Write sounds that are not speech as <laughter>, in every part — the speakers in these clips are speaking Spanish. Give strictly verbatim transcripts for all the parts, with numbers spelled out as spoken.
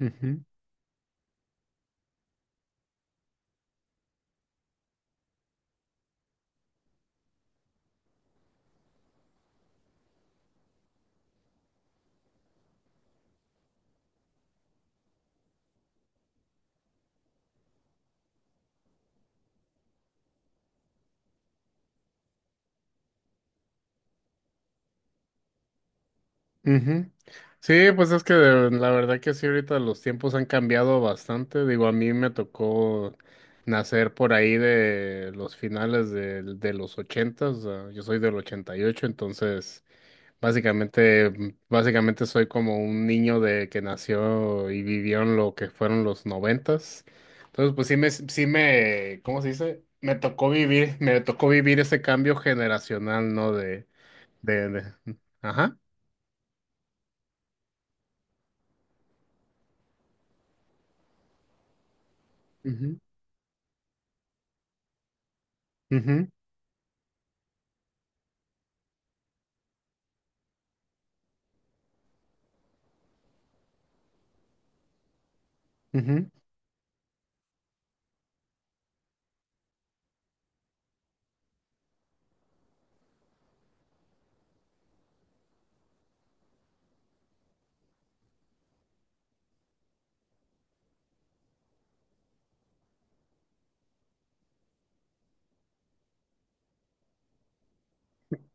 Ujú, ujú. Sí, pues es que de- la verdad que sí, ahorita los tiempos han cambiado bastante. Digo, a mí me tocó nacer por ahí de los finales del- de, los ochentas. Yo soy del ochenta y ocho, entonces básicamente, mm, básicamente soy como un niño de que nació y vivió en lo que fueron los noventas. Entonces, pues sí me, sí me, ¿cómo se dice? Me tocó vivir, me tocó vivir ese cambio generacional, ¿no? De, de, de- ajá. Ujú, ujú,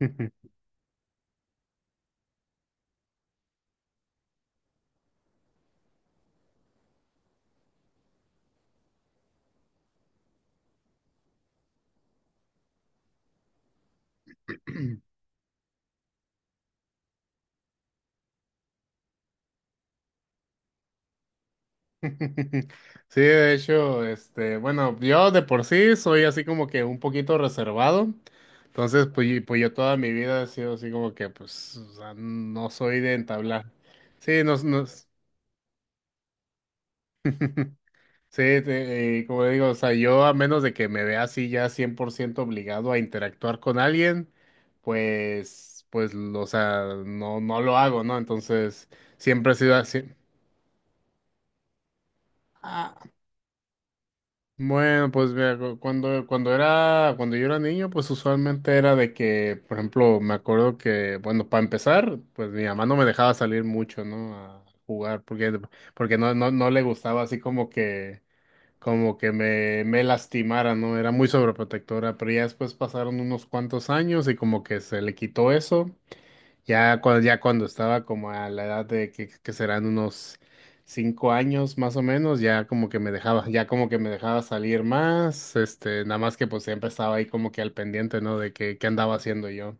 ujú. <laughs> <clears throat> Sí, de hecho, este, bueno, yo de por sí soy así como que un poquito reservado. Entonces, pues, y- pues yo toda mi vida he sido así como que, pues, o sea, no soy de entablar. Sí, nos, nos, <laughs> sí, te- eh, como digo, o sea, yo a menos de que me vea así ya cien por ciento obligado a interactuar con alguien, pues, pues, o sea, no, no lo hago, ¿no? Entonces, siempre he sido así. ah, Bueno, pues mira, cu- cuando, cuando era, cuando yo era niño, pues usualmente era de que, por ejemplo, me acuerdo que, bueno, para empezar, pues mi mamá no me dejaba salir mucho, ¿no? A jugar, porque, porque no, no, no le gustaba así como que, como que me, me lastimara, ¿no? Era muy sobreprotectora, pero ya después pasaron unos cuantos años y como que se le quitó eso. Ya cuando, ya cuando estaba como a la edad de que, que serán unos cinco años más o menos, ya como que me dejaba, ya como que me dejaba salir más, este, nada más que pues siempre estaba ahí como que al pendiente, ¿no? De que qué andaba haciendo yo.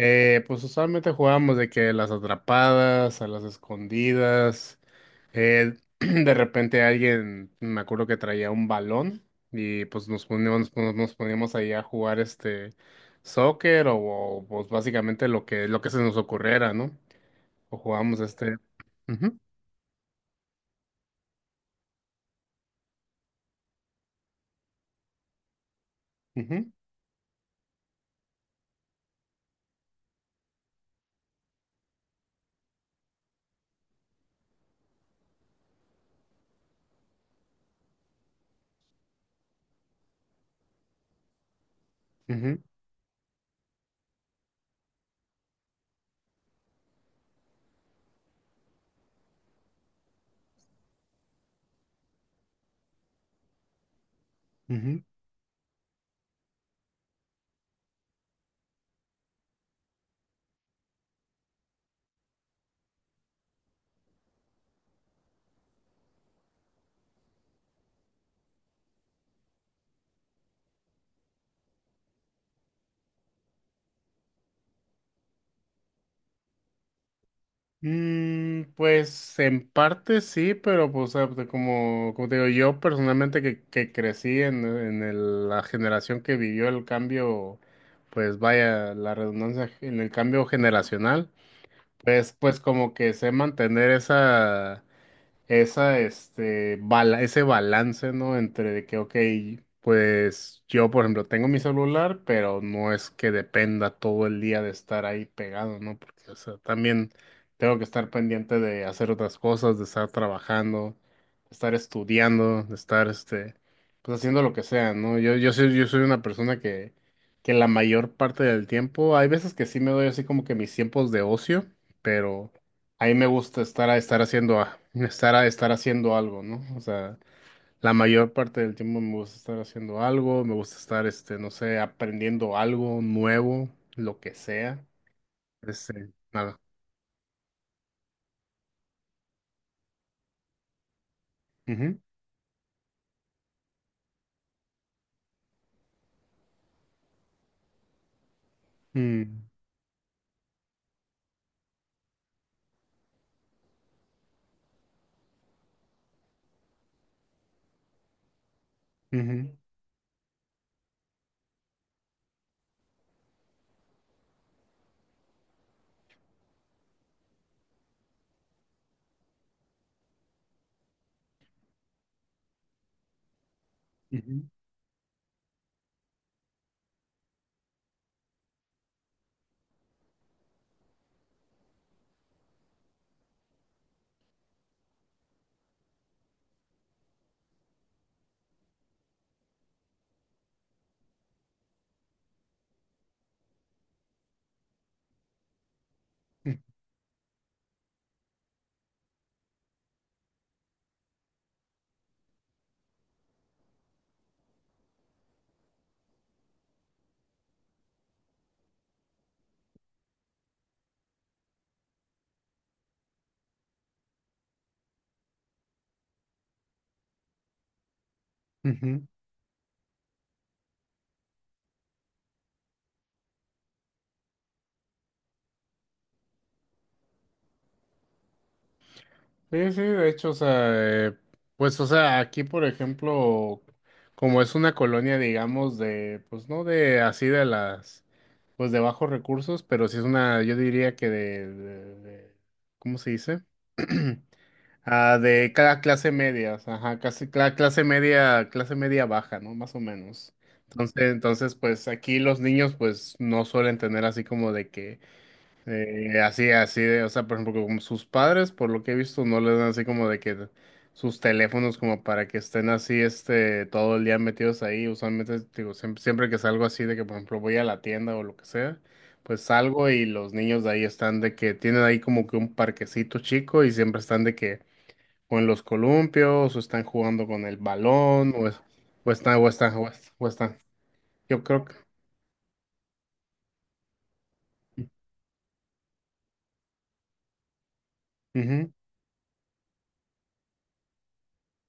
Eh, pues usualmente jugábamos de que las atrapadas, a las escondidas. eh, <clears throat> de repente alguien, me acuerdo que traía un balón y pues nos poníamos, nos, nos poníamos ahí a jugar este soccer o, o, pues básicamente lo que, lo que se nos ocurriera, ¿no? O jugábamos este. Ujú, ujú, ujú, ujú. Mm, pues en parte sí, pero pues ah, de como, como te digo, yo personalmente que, que crecí en, en el- la generación que vivió el cambio, pues vaya, la redundancia en el cambio generacional, pues, pues como que sé mantener esa esa, este, bala- ese balance, ¿no? Entre de que, ok, pues yo, por ejemplo, tengo mi celular, pero no es que dependa todo el día de estar ahí pegado, ¿no? Porque, o sea, también tengo que estar pendiente de hacer otras cosas, de estar trabajando, de estar estudiando, de estar, este, pues haciendo lo que sea, ¿no? Yo, yo soy, yo soy una persona que, que la mayor parte del tiempo, hay veces que sí me doy así como que mis tiempos de ocio, pero… A mí me gusta estar a estar haciendo a- estar a estar haciendo algo, ¿no? O sea, la mayor parte del tiempo me gusta estar haciendo algo, me gusta estar, este, no sé, aprendiendo algo nuevo, lo que sea. Este, nada. Ujú. Mm, Ujú, ujú, ujú, ujú. Sí, sí, de hecho, o sea, eh, pues, o sea, aquí, por ejemplo, como es una colonia, digamos, de, pues, no de así de las, pues, de bajos recursos, pero sí es una, yo diría que de, de- de- ¿cómo se dice? <clears throat> Ah, de cada clase media, ajá, casi cla- clase media, clase media baja, ¿no? Más o menos. Entonces, entonces, pues, aquí los niños, pues, no suelen tener así como de que eh, así, así de, o sea, por ejemplo, como sus padres, por lo que he visto, no les dan así como de que sus teléfonos como para que estén así, este, todo el día metidos ahí. Usualmente, digo, siempre, siempre que salgo así de que, por ejemplo, voy a la tienda o lo que sea, pues salgo y los niños de ahí están de que tienen ahí como que un parquecito chico y siempre están de que o en los columpios o están jugando con el balón o, es- o están, o están, o están, o están. Yo creo que… Ujú,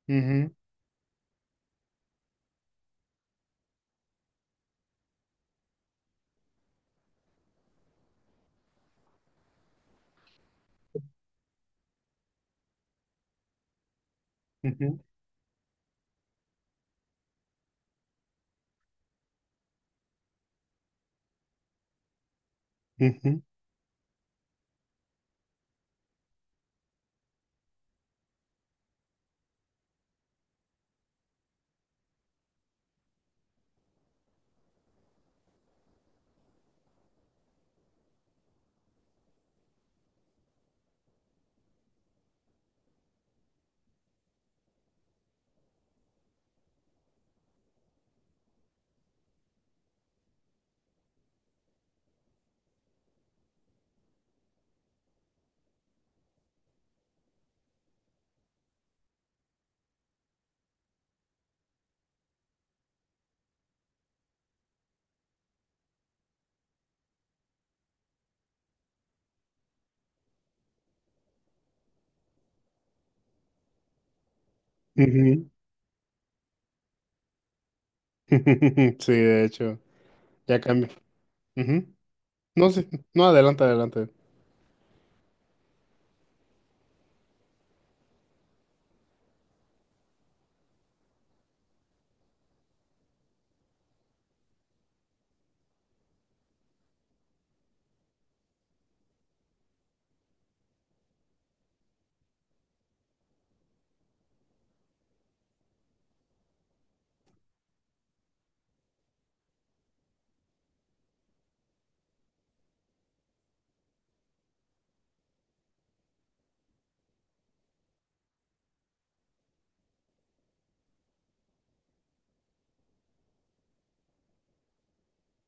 ujú, ujú, ujú, ujú. <laughs> Sí, de hecho, ya cambia. Ujú. No sé, no, adelante, adelante.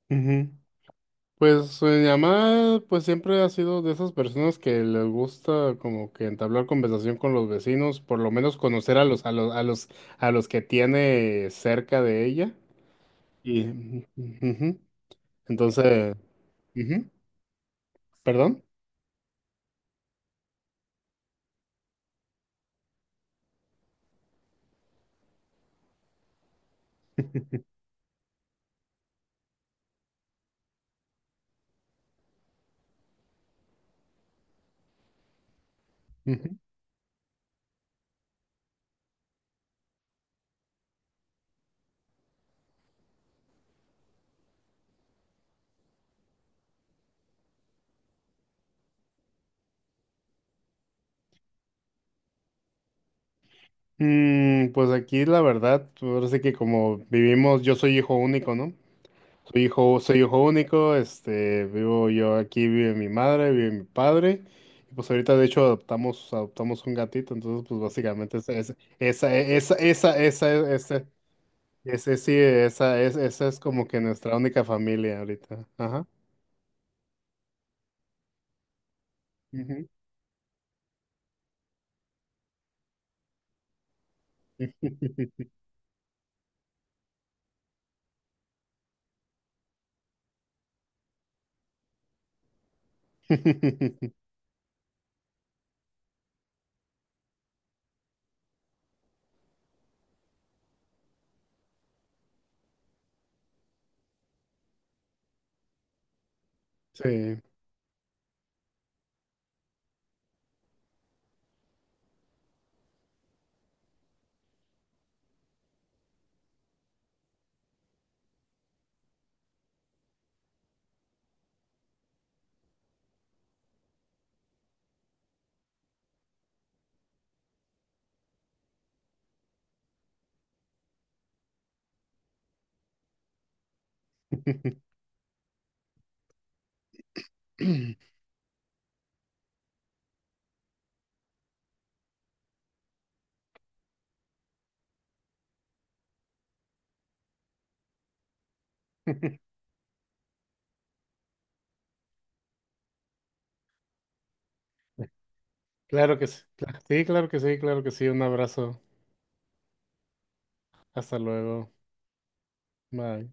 Ujú. Pues eh, mi mamá, pues siempre ha sido de esas personas que les gusta como que entablar conversación con los vecinos, por lo menos conocer a los, a los, a los, a los que tiene cerca de ella. Y, ujú. Entonces, ujú, perdón. Ujú. Mm, pues aquí la verdad, ahora sí que como vivimos, yo soy hijo único, ¿no? Soy hijo, soy hijo único, este, vivo yo aquí, vive mi madre, vive mi padre, y pues ahorita de hecho adoptamos, adoptamos un gatito, entonces pues básicamente esa, esa, esa, e, esa, esa, esa, ese- ese sí, esa, es, esa es como que nuestra única familia ahorita. Ajá. Ujú. <laughs> Sí. <laughs> Claro que sí. cla- Sí, claro que sí, claro que sí. Un abrazo. Hasta luego. Bye.